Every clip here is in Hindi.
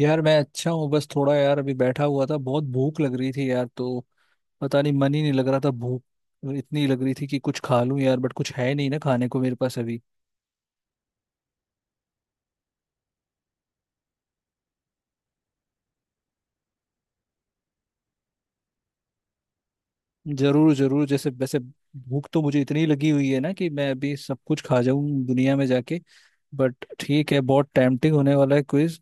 यार मैं अच्छा हूँ। बस थोड़ा यार अभी बैठा हुआ था। बहुत भूख लग रही थी यार तो पता नहीं मन ही नहीं लग रहा था। भूख इतनी लग रही थी कि कुछ खा लूं यार बट कुछ है नहीं ना खाने को मेरे पास अभी। जरूर जरूर जैसे वैसे। भूख तो मुझे इतनी लगी हुई है ना कि मैं अभी सब कुछ खा जाऊं दुनिया में जाके। बट ठीक है बहुत टेम्पटिंग होने वाला है क्विज।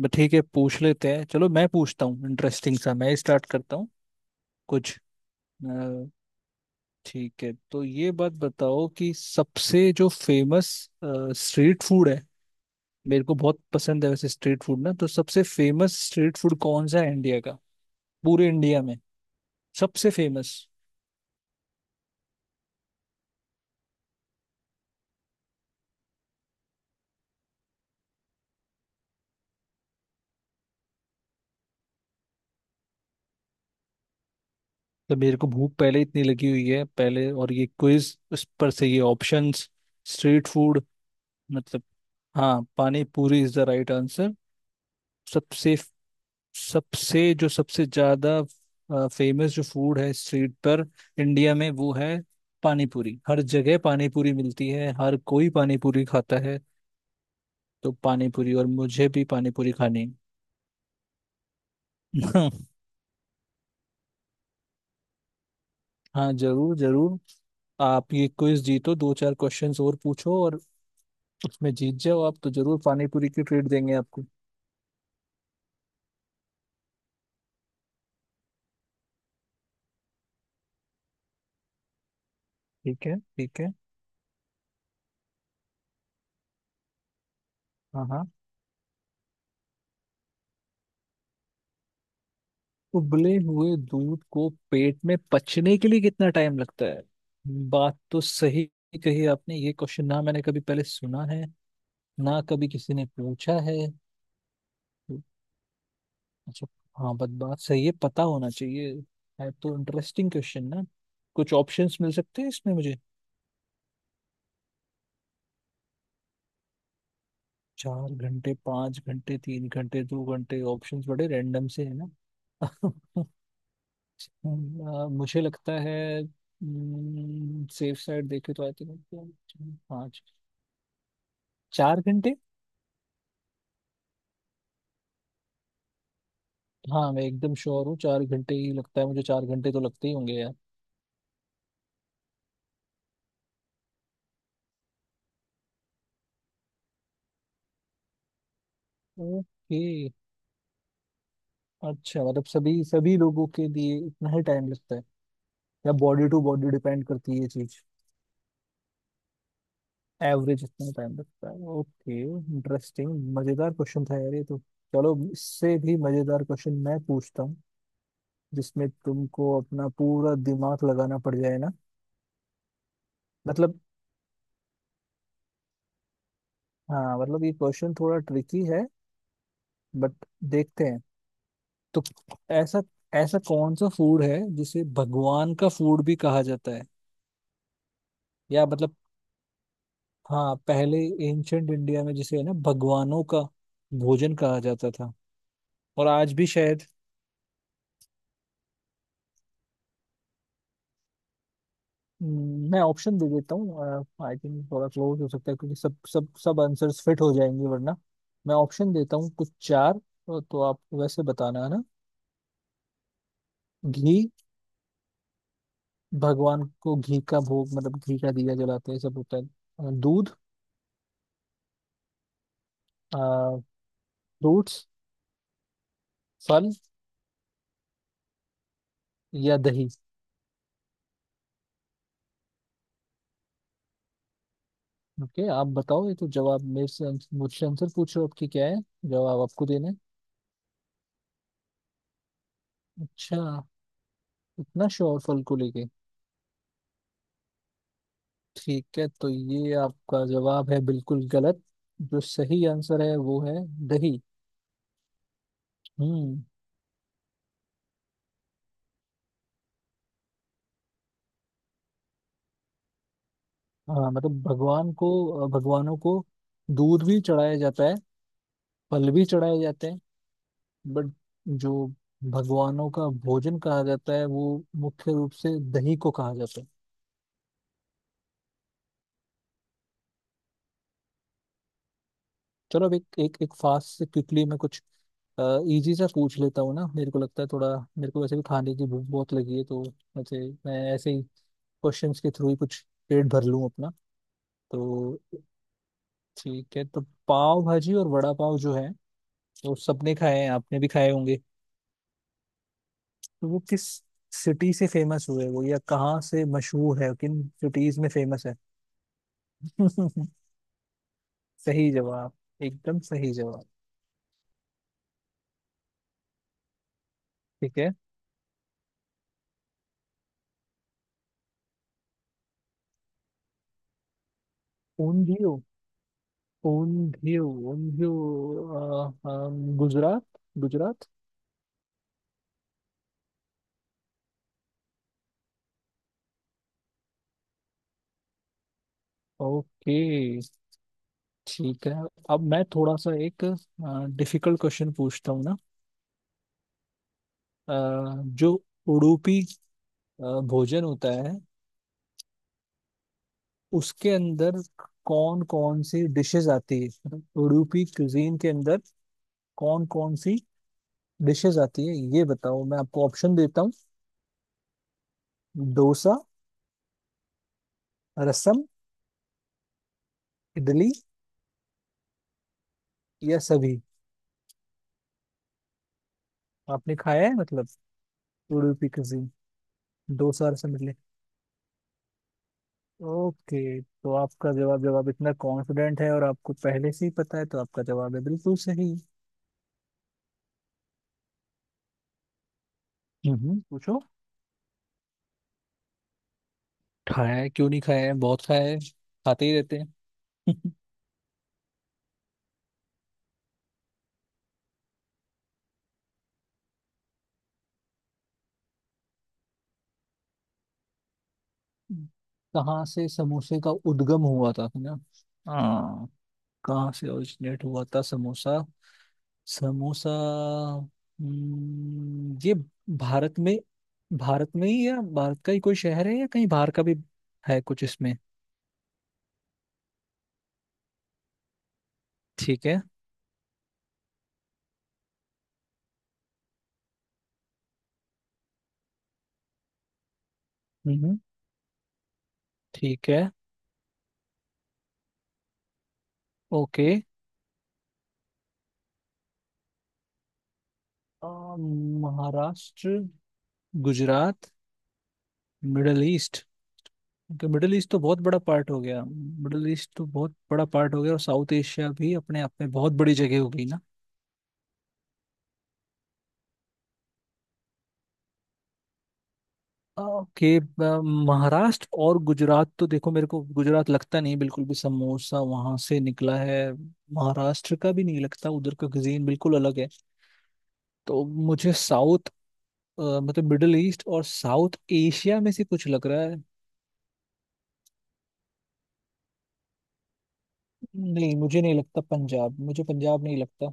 बट ठीक है पूछ लेते हैं चलो मैं पूछता हूँ इंटरेस्टिंग सा मैं स्टार्ट करता हूँ कुछ। अ, ठीक है तो ये बात बताओ कि सबसे जो फेमस स्ट्रीट फूड है। मेरे को बहुत पसंद है वैसे स्ट्रीट फूड ना। तो सबसे फेमस स्ट्रीट फूड कौन सा है इंडिया का? पूरे इंडिया में सबसे फेमस। तो मेरे को भूख पहले इतनी लगी हुई है पहले और ये क्विज उस पर से ये ऑप्शंस स्ट्रीट फूड। मतलब। हाँ, pani puri is the right answer. सबसे सबसे जो सबसे ज्यादा फेमस जो फूड है स्ट्रीट पर इंडिया में वो है पानी पूरी। हर जगह पानी पूरी मिलती है। हर कोई पानी पूरी खाता है। तो पानी पूरी और मुझे भी पानी पूरी खानी है। हाँ जरूर जरूर। आप ये क्विज जीतो दो चार क्वेश्चंस और पूछो और उसमें जीत जाओ आप तो जरूर पानी पूरी की ट्रीट देंगे आपको। ठीक है ठीक है। हाँ हाँ। उबले हुए दूध को पेट में पचने के लिए कितना टाइम लगता है? बात तो सही कही आपने। ये क्वेश्चन ना मैंने कभी पहले सुना है ना कभी किसी ने पूछा है। अच्छा। हाँ, बात बात सही है। पता होना चाहिए। है तो इंटरेस्टिंग क्वेश्चन ना। कुछ ऑप्शंस मिल सकते हैं इसमें मुझे। चार घंटे पांच घंटे तीन घंटे दो घंटे ऑप्शंस बड़े रैंडम से है ना। मुझे लगता है सेफ साइड देखे तो आई थिंक पाँच चार घंटे। हाँ मैं एकदम श्योर हूँ। चार घंटे ही लगता है मुझे। चार घंटे तो लगते ही होंगे यार। ओके। अच्छा मतलब सभी सभी लोगों के लिए इतना ही टाइम लगता है या बॉडी टू बॉडी डिपेंड करती है ये चीज? एवरेज इतना टाइम लगता है। Okay interesting. मजेदार क्वेश्चन था यार ये तो। चलो इससे भी मजेदार क्वेश्चन मैं पूछता हूँ जिसमें तुमको अपना पूरा दिमाग लगाना पड़ जाए ना। मतलब। हाँ मतलब ये क्वेश्चन थोड़ा ट्रिकी है। बट देखते हैं। तो ऐसा ऐसा कौन सा फूड है जिसे भगवान का फूड भी कहा जाता है? या मतलब हाँ पहले एंशंट इंडिया में जिसे है ना भगवानों का भोजन कहा जाता था। और आज भी शायद। मैं ऑप्शन दे देता हूँ। आई थिंक थोड़ा क्लोज हो सकता है क्योंकि सब सब सब आंसर्स फिट हो जाएंगे वरना। मैं ऑप्शन देता हूँ कुछ चार तो आप वैसे बताना है ना। घी। भगवान को घी का भोग मतलब घी का दिया जलाते हैं सब होता है। दूध। फ्रूट्स फल या दही। ओके आप बताओ ये तो जवाब मेरे से मुझसे आंसर पूछ रहे हो आपकी क्या है? जवाब आपको देना है। अच्छा इतना श्योर फल को लेके? ठीक है तो ये आपका जवाब है बिल्कुल गलत। जो सही आंसर है वो है दही। हम्म। हाँ मतलब भगवान को भगवानों को दूध भी चढ़ाया जाता है। फल भी चढ़ाए जाते हैं। बट जो भगवानों का भोजन कहा जाता है वो मुख्य रूप से दही को कहा जाता है। चलो अब एक एक, एक फास्ट से क्विकली मैं कुछ इजी सा पूछ लेता हूँ ना। मेरे को लगता है थोड़ा मेरे को वैसे भी खाने की भूख बहुत लगी है तो वैसे मैं ऐसे ही क्वेश्चंस के थ्रू ही कुछ पेट भर लूँ अपना। तो ठीक है तो पाव भाजी और वड़ा पाव जो है वो सबने खाए हैं आपने भी खाए होंगे। तो वो किस सिटी से फेमस हुए वो या कहाँ से मशहूर है किन सिटीज में फेमस है? सही जवाब। एकदम सही जवाब। ठीक है। ऊंधियो ऊंधियो ऊंधियो। गुजरात गुजरात। ओके ठीक है। अब मैं थोड़ा सा एक डिफिकल्ट क्वेश्चन पूछता हूँ ना। अ, जो उडुपी भोजन होता है उसके अंदर कौन कौन सी डिशेस आती है मतलब उडुपी क्यूजीन के अंदर कौन कौन सी डिशेस आती है ये बताओ। मैं आपको ऑप्शन देता हूँ। डोसा रसम इडली या सभी? आपने खाया है मतलब? उडुपी क्यूजीन डोसा रसम इडली। ओके तो आपका जवाब जब आप इतना कॉन्फिडेंट है और आपको पहले से ही पता है तो आपका जवाब है बिल्कुल सही। पूछो। खाया है क्यों नहीं खाया है बहुत खाया है खाते ही रहते हैं। कहाँ से समोसे का उद्गम हुआ था है ना? हाँ। कहाँ से ओरिजिनेट हुआ था समोसा? समोसा। ये भारत में। भारत में ही या भारत का ही कोई शहर है या कहीं बाहर का भी है कुछ इसमें? ठीक है। हम्म ठीक है। ओके। अ, महाराष्ट्र गुजरात मिडल ईस्ट। क्योंकि मिडल ईस्ट तो बहुत बड़ा पार्ट हो गया। मिडल ईस्ट तो बहुत बड़ा पार्ट हो गया और साउथ एशिया भी अपने आप में बहुत बड़ी जगह हो गई ना। ओके। महाराष्ट्र और गुजरात तो देखो मेरे को गुजरात लगता नहीं बिल्कुल भी समोसा वहां से निकला है। महाराष्ट्र का भी नहीं लगता। उधर का cuisine बिल्कुल अलग है। तो मुझे मतलब मिडिल ईस्ट और साउथ एशिया में से कुछ लग रहा है। नहीं मुझे नहीं लगता पंजाब। मुझे पंजाब नहीं लगता।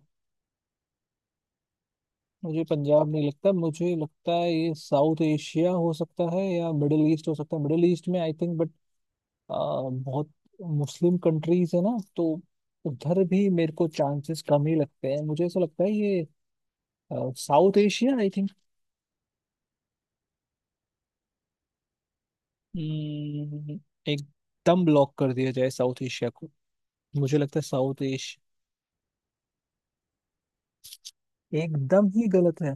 मुझे पंजाब नहीं लगता। मुझे लगता है ये साउथ एशिया हो सकता है या मिडिल ईस्ट हो सकता है। मिडिल ईस्ट में आई थिंक अ, बहुत मुस्लिम कंट्रीज है ना तो उधर भी मेरे को चांसेस कम ही लगते हैं। मुझे ऐसा लगता है ये साउथ एशिया आई थिंक। एकदम ब्लॉक कर दिया जाए साउथ एशिया को। मुझे लगता है साउथ एशिया। एकदम ही गलत है।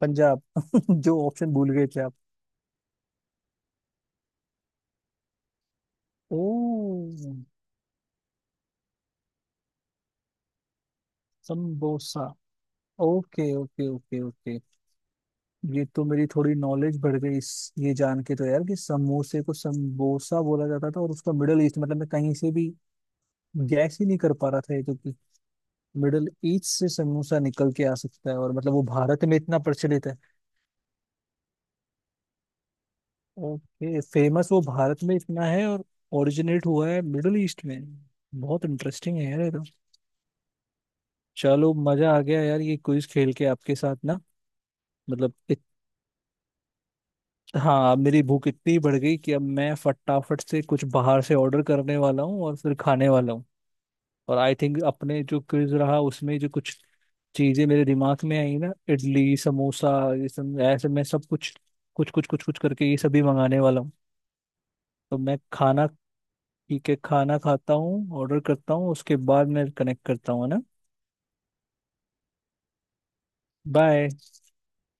पंजाब। जो ऑप्शन भूल गए थे आप। ओ sambosa okay okay okay okay. ये तो मेरी थोड़ी नॉलेज बढ़ गई इस ये जान के तो यार कि समोसे को संबोसा बोला जाता था और उसका मिडल ईस्ट मतलब मैं कहीं से भी गैस ही नहीं कर पा रहा था ये तो कि मिडिल ईस्ट से समोसा निकल के आ सकता है और मतलब वो भारत में इतना प्रचलित है। ओके फेमस वो भारत में इतना है और ओरिजिनेट हुआ है मिडिल ईस्ट में। बहुत इंटरेस्टिंग है यार ये तो। चलो मजा आ गया यार ये क्विज खेल के आपके साथ ना। मतलब हाँ मेरी भूख इतनी बढ़ गई कि अब मैं फटाफट से कुछ बाहर से ऑर्डर करने वाला हूँ और फिर खाने वाला हूँ। और आई थिंक अपने जो क्विज रहा उसमें जो कुछ चीजें मेरे दिमाग में आई ना इडली समोसा ये सब ऐसे मैं सब कुछ कुछ कुछ कुछ कुछ करके ये सभी मंगाने वाला हूँ। तो मैं खाना ठीक है खाना खाता हूँ ऑर्डर करता हूँ उसके बाद मैं कनेक्ट करता हूँ है ना। बाय।